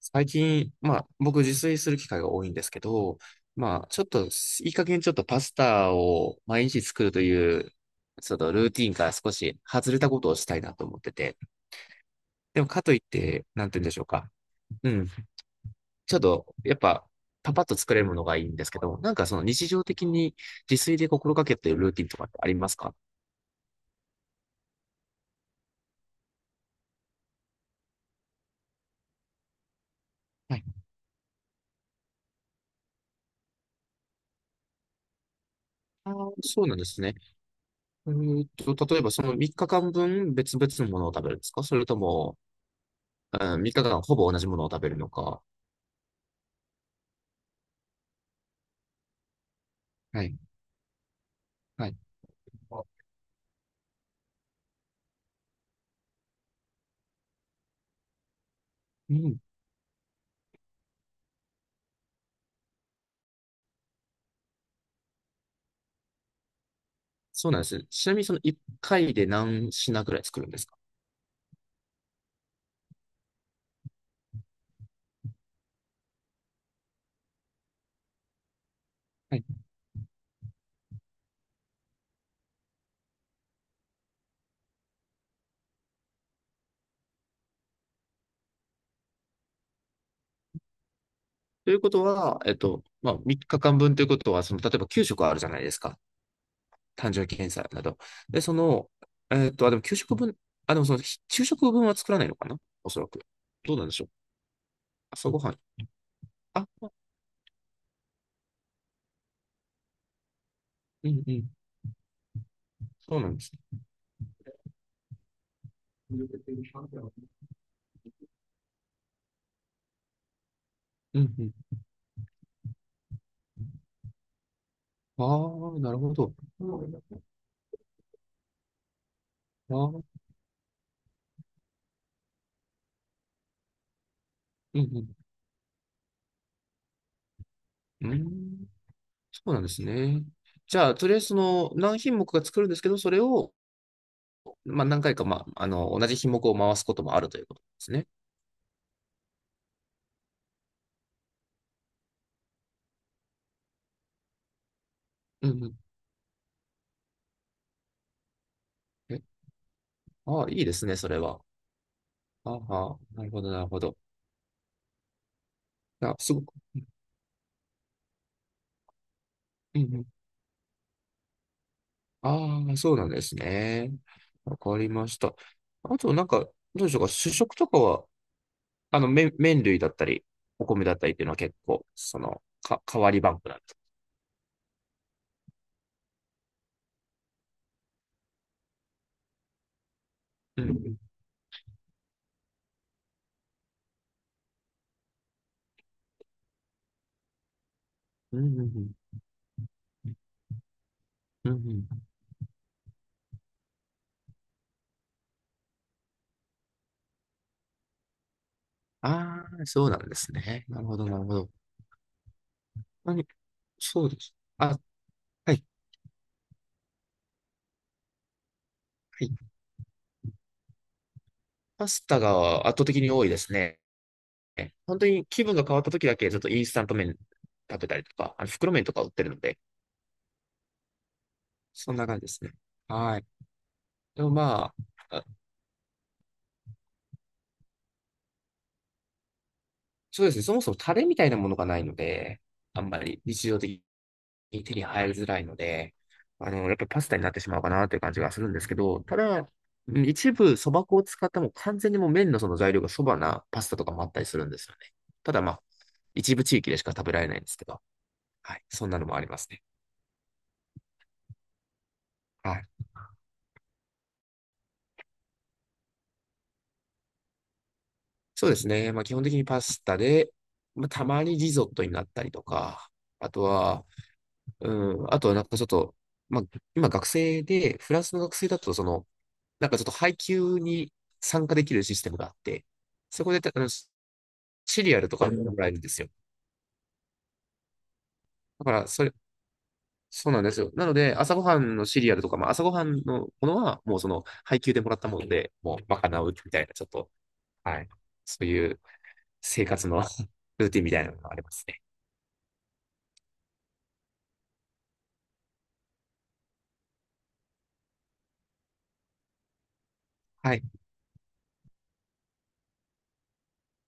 最近、まあ、僕自炊する機会が多いんですけど、まあ、ちょっと、いい加減ちょっとパスタを毎日作るという、ちょっとルーティンから少し外れたことをしたいなと思ってて。でも、かといって、なんて言うんでしょうか。うん。ちょっと、やっぱ、パパッと作れるものがいいんですけど、なんかその日常的に自炊で心がけているルーティンとかってありますか？はい。あー、そうなんですね。例えばその3日間分別々のものを食べるんですか？それとも、うん、3日間ほぼ同じものを食べるのか、はい。はい。うん。そうなんですね。ちなみにその1回で何品ぐらい作るんですか？はい。ということは、まあ、3日間分ということは、その、例えば給食あるじゃないですか。誕生日検査など。で、その、あ、でも9食分、あ、でもその、ひ昼食分は作らないのかな、おそらく。どうなんでしょう。朝ごはん。あ、うんうん。そうなんですね。うんうん。ああ、なるほど。ああ、うんうん。うん。そうなんですね。じゃあ、とりあえずその何品目か作るんですけど、それを、まあ、何回か、まあ、あの、同じ品目を回すこともあるということですね。うんうん。え、ああ、いいですね、それは。ああ、なるほど、なるほど。あ、すごく、うんうん。ああ、そうなんですね。わかりました。あと、なんか、どうでしょうか、主食とかは、あの、麺類だったり、お米だったりっていうのは結構、その、か、変わりバンクなんです。うんうん。うんうんうん。うんうん。ああ、そうなんですね。なるほど、なるほど。何、そうです。あ、はい、はい。パスタが圧倒的に多いですね。本当に気分が変わった時だけ、ちょっとインスタント麺食べたりとか、あの袋麺とか売ってるので、そんな感じですね。はい。でもまあ、あそうですね。そもそもタレみたいなものがないので、あんまり日常的に手に入りづらいので、あの、やっぱりパスタになってしまうかなという感じがするんですけど、ただ、うん一部そば粉を使ったもう完全にもう麺のその材料がそばなパスタとかもあったりするんですよね。ただまあ、一部地域でしか食べられないんですけど、はい、そんなのもありますね。はい。そうですね。まあ基本的にパスタで、まあたまにリゾットになったりとか、あとは、うん、あとはなんかちょっと、まあ今学生で、フランスの学生だとその、なんかちょっと配給に参加できるシステムがあって、そこでた、あの、シシリアルとかもらえるんですよ。だから、それ、そうなんですよ。なので、朝ごはんのシリアルとか、まあ、朝ごはんのものは、もうその、配給でもらったもので、もう、賄うみたいな、ちょっと、はい。そういう生活の ルーティンみたいなのがありますね。はい。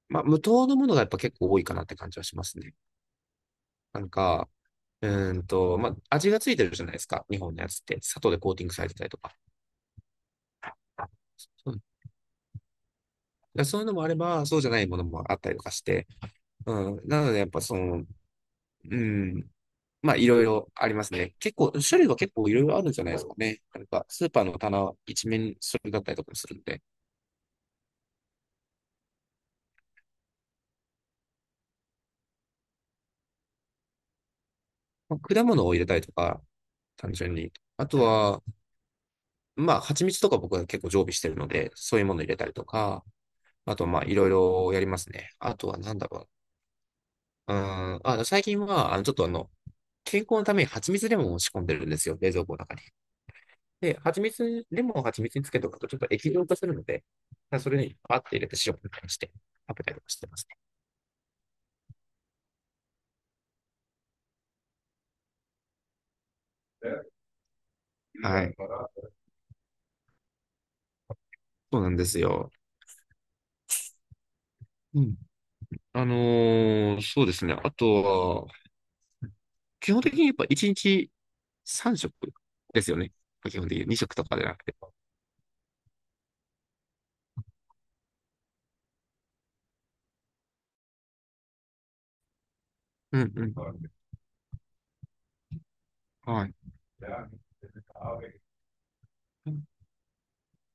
まあ、無糖のものがやっぱ結構多いかなって感じはしますね。なんか、うまあ、味がついてるじゃないですか。日本のやつって。砂糖でコーティングされてたりとか。そうやそういうのもあれば、そうじゃないものもあったりとかして。うん。なので、やっぱその、うん。まあ、いろいろありますね。結構、種類は結構いろいろあるんじゃないですかね。なんか、スーパーの棚一面それだったりとかもするんで。まあ、果物を入れたりとか、単純に。あとは、まあ、蜂蜜とか僕は結構常備してるので、そういうもの入れたりとか、あと、まあ、いろいろやりますね。あとは、なんだろう。うん。あ、最近は、あの、ちょっとあの、健康のために蜂蜜レモンを仕込んでるんですよ、冷蔵庫の中に。で、蜂蜜、レモンを蜂蜜につけとくとちょっと液状化するので、それにパッて入れて塩みたいにして食べたりとかしてますね。はい。そうなんですよ。うん。そうですね。あとは、基本的にやっぱ1日3食ですよね。基本的に2食とかでなくて。うんうん。はい。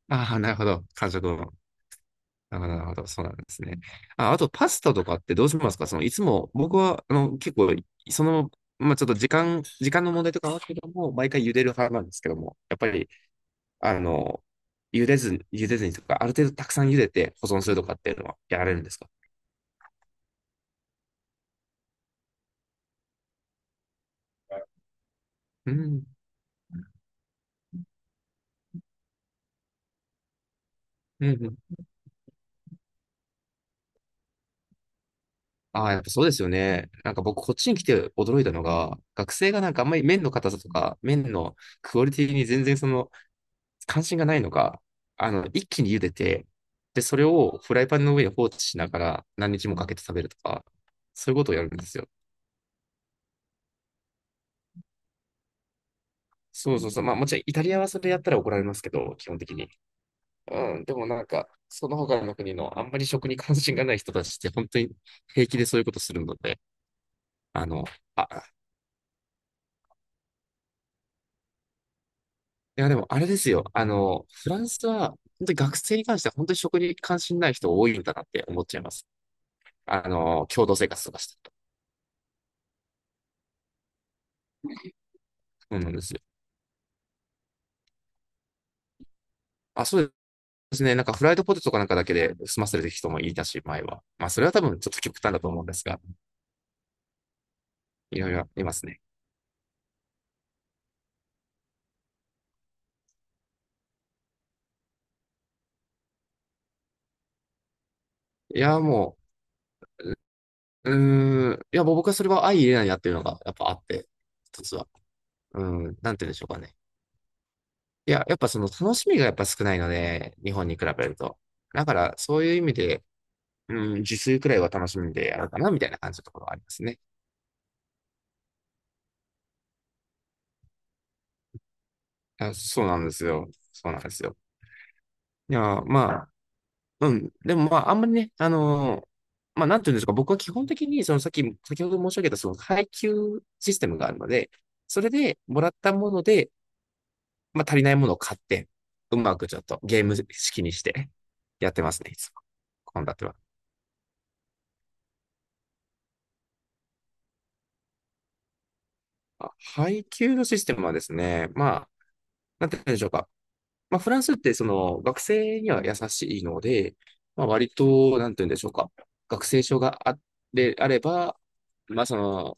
ああ、なるほど。完食を。あ、なるほど、そうなんですね。あ、あと、パスタとかってどうしますか？その、いつも、僕は、あの、結構、その、まあ、ちょっと時間、時間の問題とかはあるけども、毎回茹でる派なんですけども、やっぱり、あの、茹でずにとか、ある程度たくさん茹でて保存するとかっていうのはやられるんですか？うん、うん、うん。ああ、やっぱそうですよね。なんか僕、こっちに来て驚いたのが、学生がなんかあんまり麺の硬さとか、麺のクオリティに全然その、関心がないのか、あの、一気に茹でて、で、それをフライパンの上に放置しながら何日もかけて食べるとか、そういうことをやるんですよ。そうそうそう。まあもちろんイタリアはそれやったら怒られますけど、基本的に。うん。でもなんか、その他の国のあんまり食に関心がない人たちって本当に平気でそういうことするので、あの、あ、いやでもあれですよ。あの、フランスは本当に学生に関しては本当に食に関心ない人多いんだなって思っちゃいます。あの、共同生活とかしてると。そうなんですよ。あ、そうですね。なんかフライドポテトかなんかだけで済ませる人もいたし、前は。まあ、それは多分ちょっと極端だと思うんですが、いろいろいますね。いや、もう、うーん、いや、もう僕はそれは相入れないなっていうのがやっぱあって、一つは。うん、なんて言うんでしょうかね。いや、やっぱその楽しみがやっぱ少ないので、日本に比べると。だから、そういう意味で、うん、自炊くらいは楽しみでやるかな、みたいな感じのところはありますね。あ、そうなんですよ。そうなんですよ。いや、まあ、うん。でもまあ、あんまりね、あのーまあ、なんていうんですか、僕は基本的に、そのさっき、先ほど申し上げた、その配給システムがあるので、それでもらったもので、まあ、足りないものを買って、うまくちょっとゲーム式にして やってますね、いつも。献立は。あ、配給のシステムはですね、まあ、なんて言うんでしょうか。まあ、フランスってその学生には優しいので、まあ、割と、なんて言うんでしょうか。学生証があれ、あれば、まあ、その、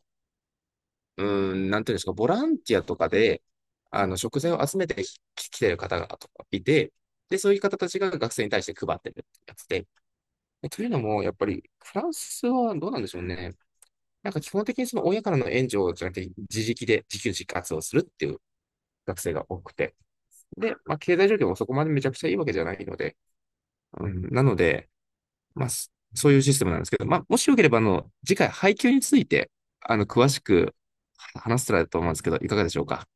うーなんていうんですか、ボランティアとかで、あの、食材を集めて来てる方がとかいて、で、そういう方たちが学生に対して配ってるってやつで。でというのも、やっぱり、フランスはどうなんでしょうね。なんか基本的にその親からの援助じゃなくて、自力で自給自活をするっていう学生が多くて。で、まあ、経済状況もそこまでめちゃくちゃいいわけじゃないので、うん、なので、まあ、そそういうシステムなんですけど、まあ、もしよければ、あの、次回、配給について、あの、詳しく話せたらと思うんですけど、いかがでしょうか。